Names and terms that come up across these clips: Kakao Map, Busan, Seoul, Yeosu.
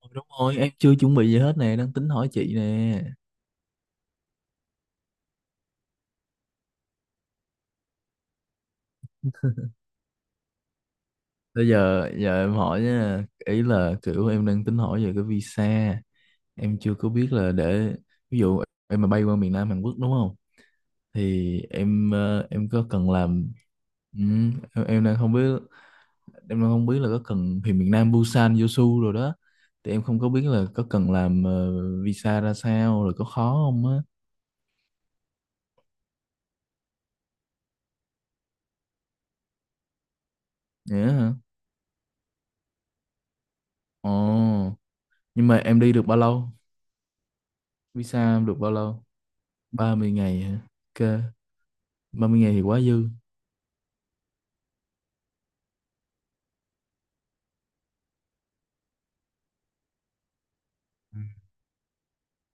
Ừ, đúng rồi, em chưa chuẩn bị gì hết nè, đang tính hỏi chị nè. Bây giờ giờ em hỏi nha, ý là kiểu em đang tính hỏi về cái visa. Em chưa có biết là để ví dụ em mà bay qua miền Nam Hàn Quốc đúng không, thì em có cần làm. Ừ, em đang không biết, em đang không biết là có cần thì miền Nam Busan Jeosu rồi đó, thì em không có biết là có cần làm visa ra sao, rồi có khó không á. Nhớ hả? Ồ, nhưng mà em đi được bao lâu? Visa em được bao lâu? 30 ngày hả? Ok, 30 ngày thì quá dư. Ừ.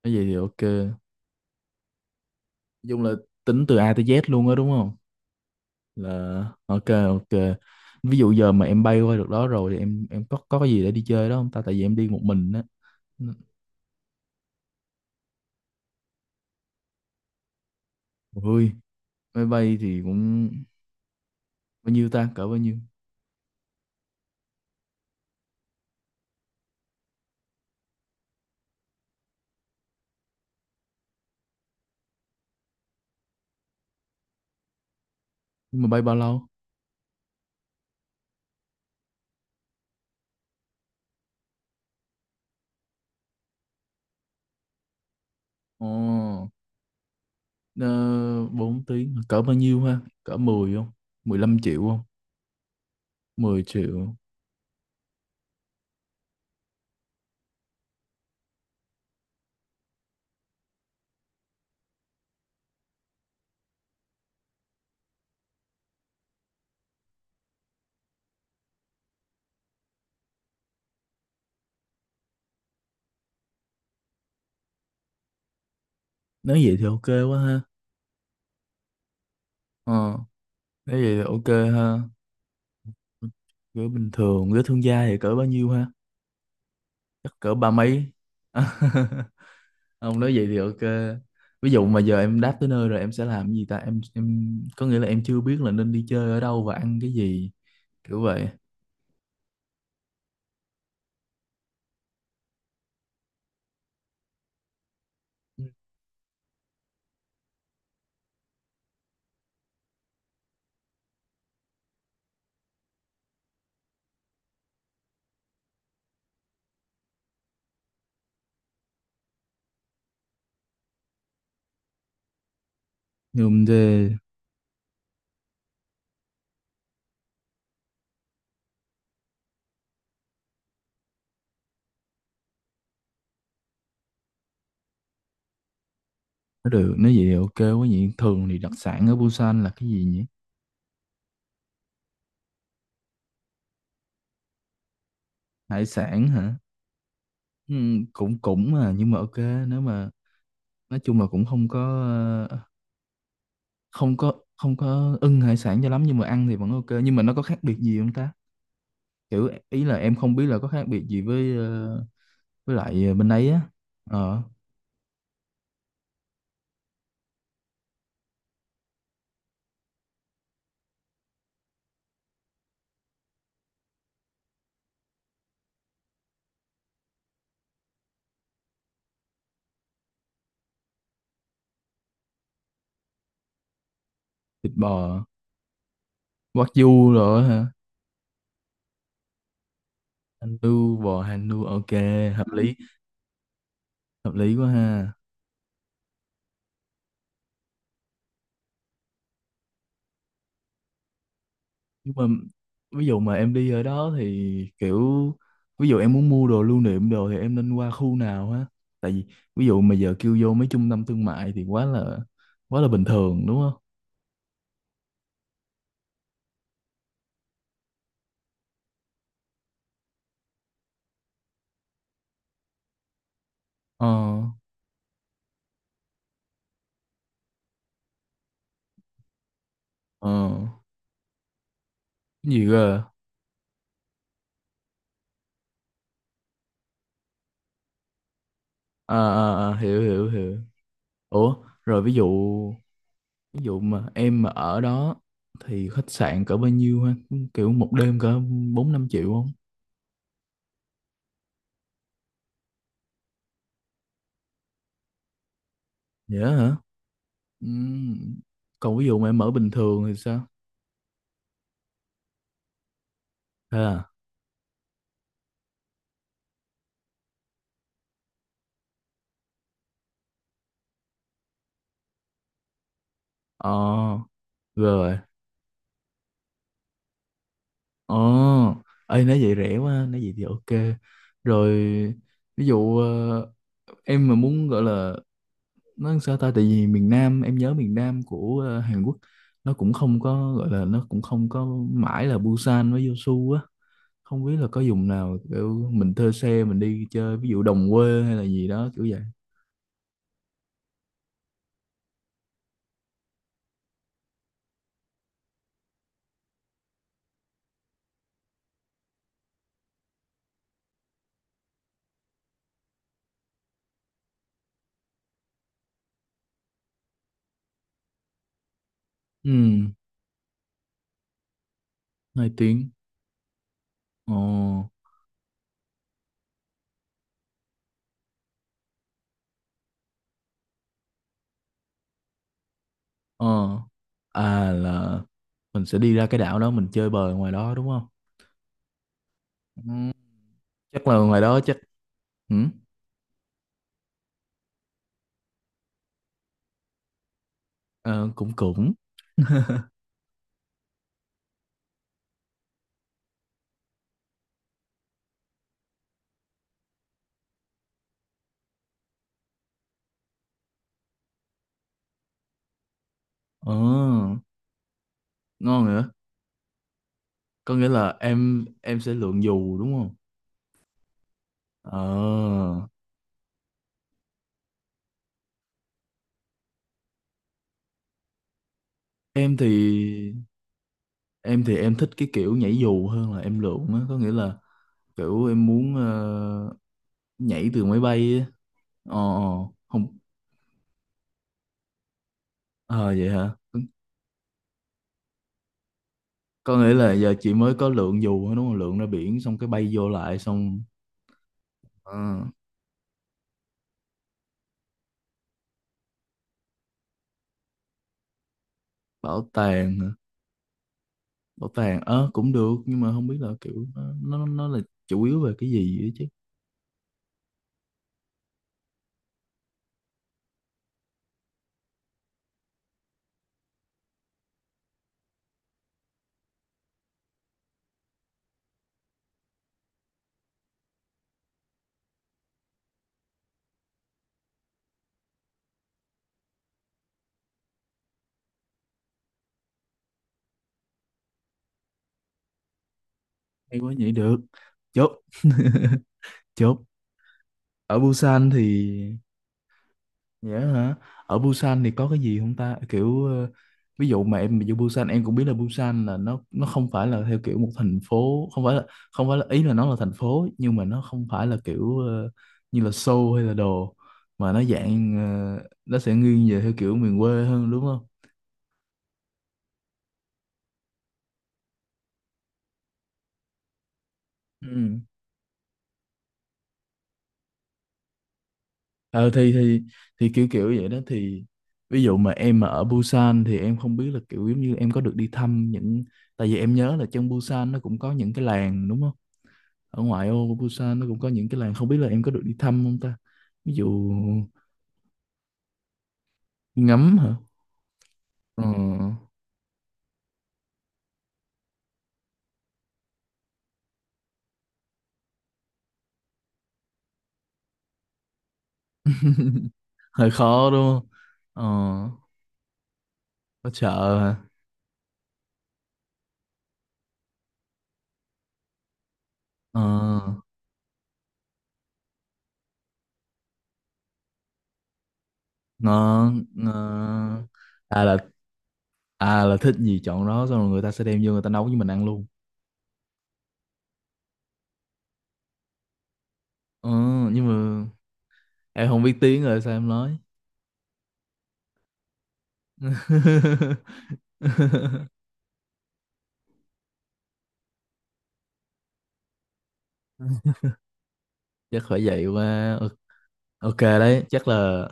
Nói vậy thì ok. Nói chung là tính từ A tới Z luôn á đúng không? Là ok ok. Ví dụ giờ mà em bay qua được đó rồi thì em có cái gì để đi chơi đó không ta? Tại vì em đi một mình á. Ui, máy bay thì cũng bao nhiêu ta? Cỡ bao nhiêu? Nhưng mà bay bao lâu? Ồ, ờ, 4 tiếng. Cỡ bao nhiêu ha? Cỡ 10 không? 15 triệu không? 10 triệu. Nếu vậy thì ok quá ha. Ờ, Nếu vậy thì ok ha. Cỡ bình thường, cỡ thương gia thì cỡ bao nhiêu ha? Chắc cỡ ba mấy. Ông nói vậy thì ok. Ví dụ mà giờ em đáp tới nơi rồi em sẽ làm cái gì ta, em có nghĩa là em chưa biết là nên đi chơi ở đâu và ăn cái gì kiểu vậy. Nhưng thế nó được. Nói vậy thì ok quá nhỉ. Thường thì đặc sản ở Busan là cái gì nhỉ? Hải sản hả? Ừ, cũng cũng mà nhưng mà ok. Nếu mà nói chung là cũng không có, ờ, không có ưng hải sản cho lắm, nhưng mà ăn thì vẫn ok, nhưng mà nó có khác biệt gì không ta? Kiểu ý là em không biết là có khác biệt gì với với lại bên ấy á. Ờ, thịt bò wagyu rồi hả? Anh nu bò hành nu, ok. Hợp lý. Hợp lý quá ha. Nhưng mà ví dụ mà em đi ở đó thì kiểu, ví dụ em muốn mua đồ lưu niệm đồ thì em nên qua khu nào ha? Tại vì ví dụ mà giờ kêu vô mấy trung tâm thương mại thì quá là bình thường đúng không? Ờ ờ. Cái gì cơ? À, à, à, hiểu hiểu hiểu. Ủa rồi ví dụ, mà em mà ở đó thì khách sạn cỡ bao nhiêu ha? Kiểu một đêm cỡ 4-5 triệu không? Dễ hả? Ừm. Còn ví dụ mà em ở bình thường thì sao? Thế à. ờ Rồi. Ờ. Ê, nói vậy rẻ quá, nói vậy thì ok. Rồi ví dụ em mà muốn gọi là, nói sao ta, tại vì miền Nam em nhớ miền Nam của Hàn Quốc, nó cũng không có gọi là, nó cũng không có mãi là Busan với Yeosu á. Không biết là có vùng nào kiểu mình thuê xe mình đi chơi ví dụ đồng quê hay là gì đó kiểu vậy. Ừ, 2 tiếng. Ồ. Ờ. À là mình sẽ đi ra cái đảo đó mình chơi bời ngoài đó đúng không? Ừ. Chắc là ngoài đó chắc. Ừ. ờ, cũng cũng ờ ngon nữa. Có nghĩa là em sẽ lượn dù đúng không? Ờ, em thì em thì em thích cái kiểu nhảy dù hơn là em lượn á, có nghĩa là kiểu em muốn nhảy từ máy bay á. ờ ờ, Không. Ờ vậy hả. Có nghĩa là giờ chị mới có lượn dù thôi đúng không, lượn ra biển xong cái bay vô lại xong. Ờ, bảo tàng hả? Bảo tàng cũng được nhưng mà không biết là kiểu nó là chủ yếu về cái gì á chứ. Hay quá, nhảy được. Chốt. chốt. Ở Busan thì, dạ hả? Ở Busan thì có cái gì không ta? Kiểu ví dụ mà em ví Busan em cũng biết là Busan là nó không phải là theo kiểu một thành phố, không phải là, ý là nó là thành phố nhưng mà nó không phải là kiểu như là Seoul hay là đồ, mà nó dạng nó sẽ nghiêng về theo kiểu miền quê hơn đúng không? Ừ. Ờ thì thì kiểu kiểu vậy đó, thì ví dụ mà em mà ở Busan thì em không biết là kiểu giống như em có được đi thăm những, tại vì em nhớ là trong Busan nó cũng có những cái làng đúng không? Ở ngoại ô của Busan nó cũng có những cái làng, không biết là em có được đi thăm không ta, ví dụ. Ngắm hả? ờ, Hơi khó đúng không. ờ, có chợ hả? ờ, Ngon ngon. À là, thích gì chọn đó xong rồi người ta sẽ đem vô người ta nấu với mình ăn luôn. Ờ, nhưng mà em không biết tiếng rồi sao em nói? Chắc phải vậy quá. Ờ, ok đấy, chắc là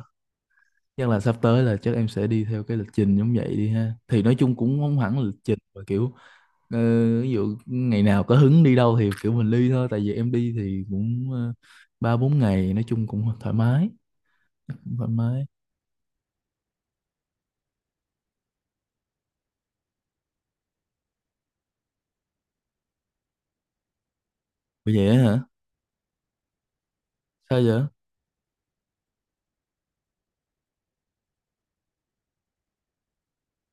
sắp tới là chắc em sẽ đi theo cái lịch trình giống vậy đi ha, thì nói chung cũng không hẳn là lịch trình mà kiểu ờ, ví dụ ngày nào có hứng đi đâu thì kiểu mình đi thôi, tại vì em đi thì cũng 3-4 ngày nói chung cũng thoải mái. Cũng thoải mái. Ủa vậy á hả? Sao vậy?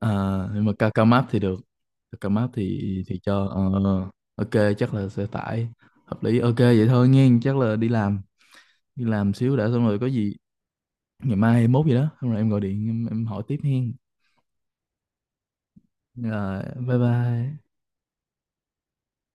À, nhưng mà Kakao Map thì được. Kakao Map thì cho ok chắc là sẽ tải. Hợp lý. Ok vậy thôi nghe, chắc là đi làm, đi làm xíu đã xong rồi có gì ngày mai 21 gì đó xong rồi em gọi điện, em hỏi tiếp hen. Rồi bye bye.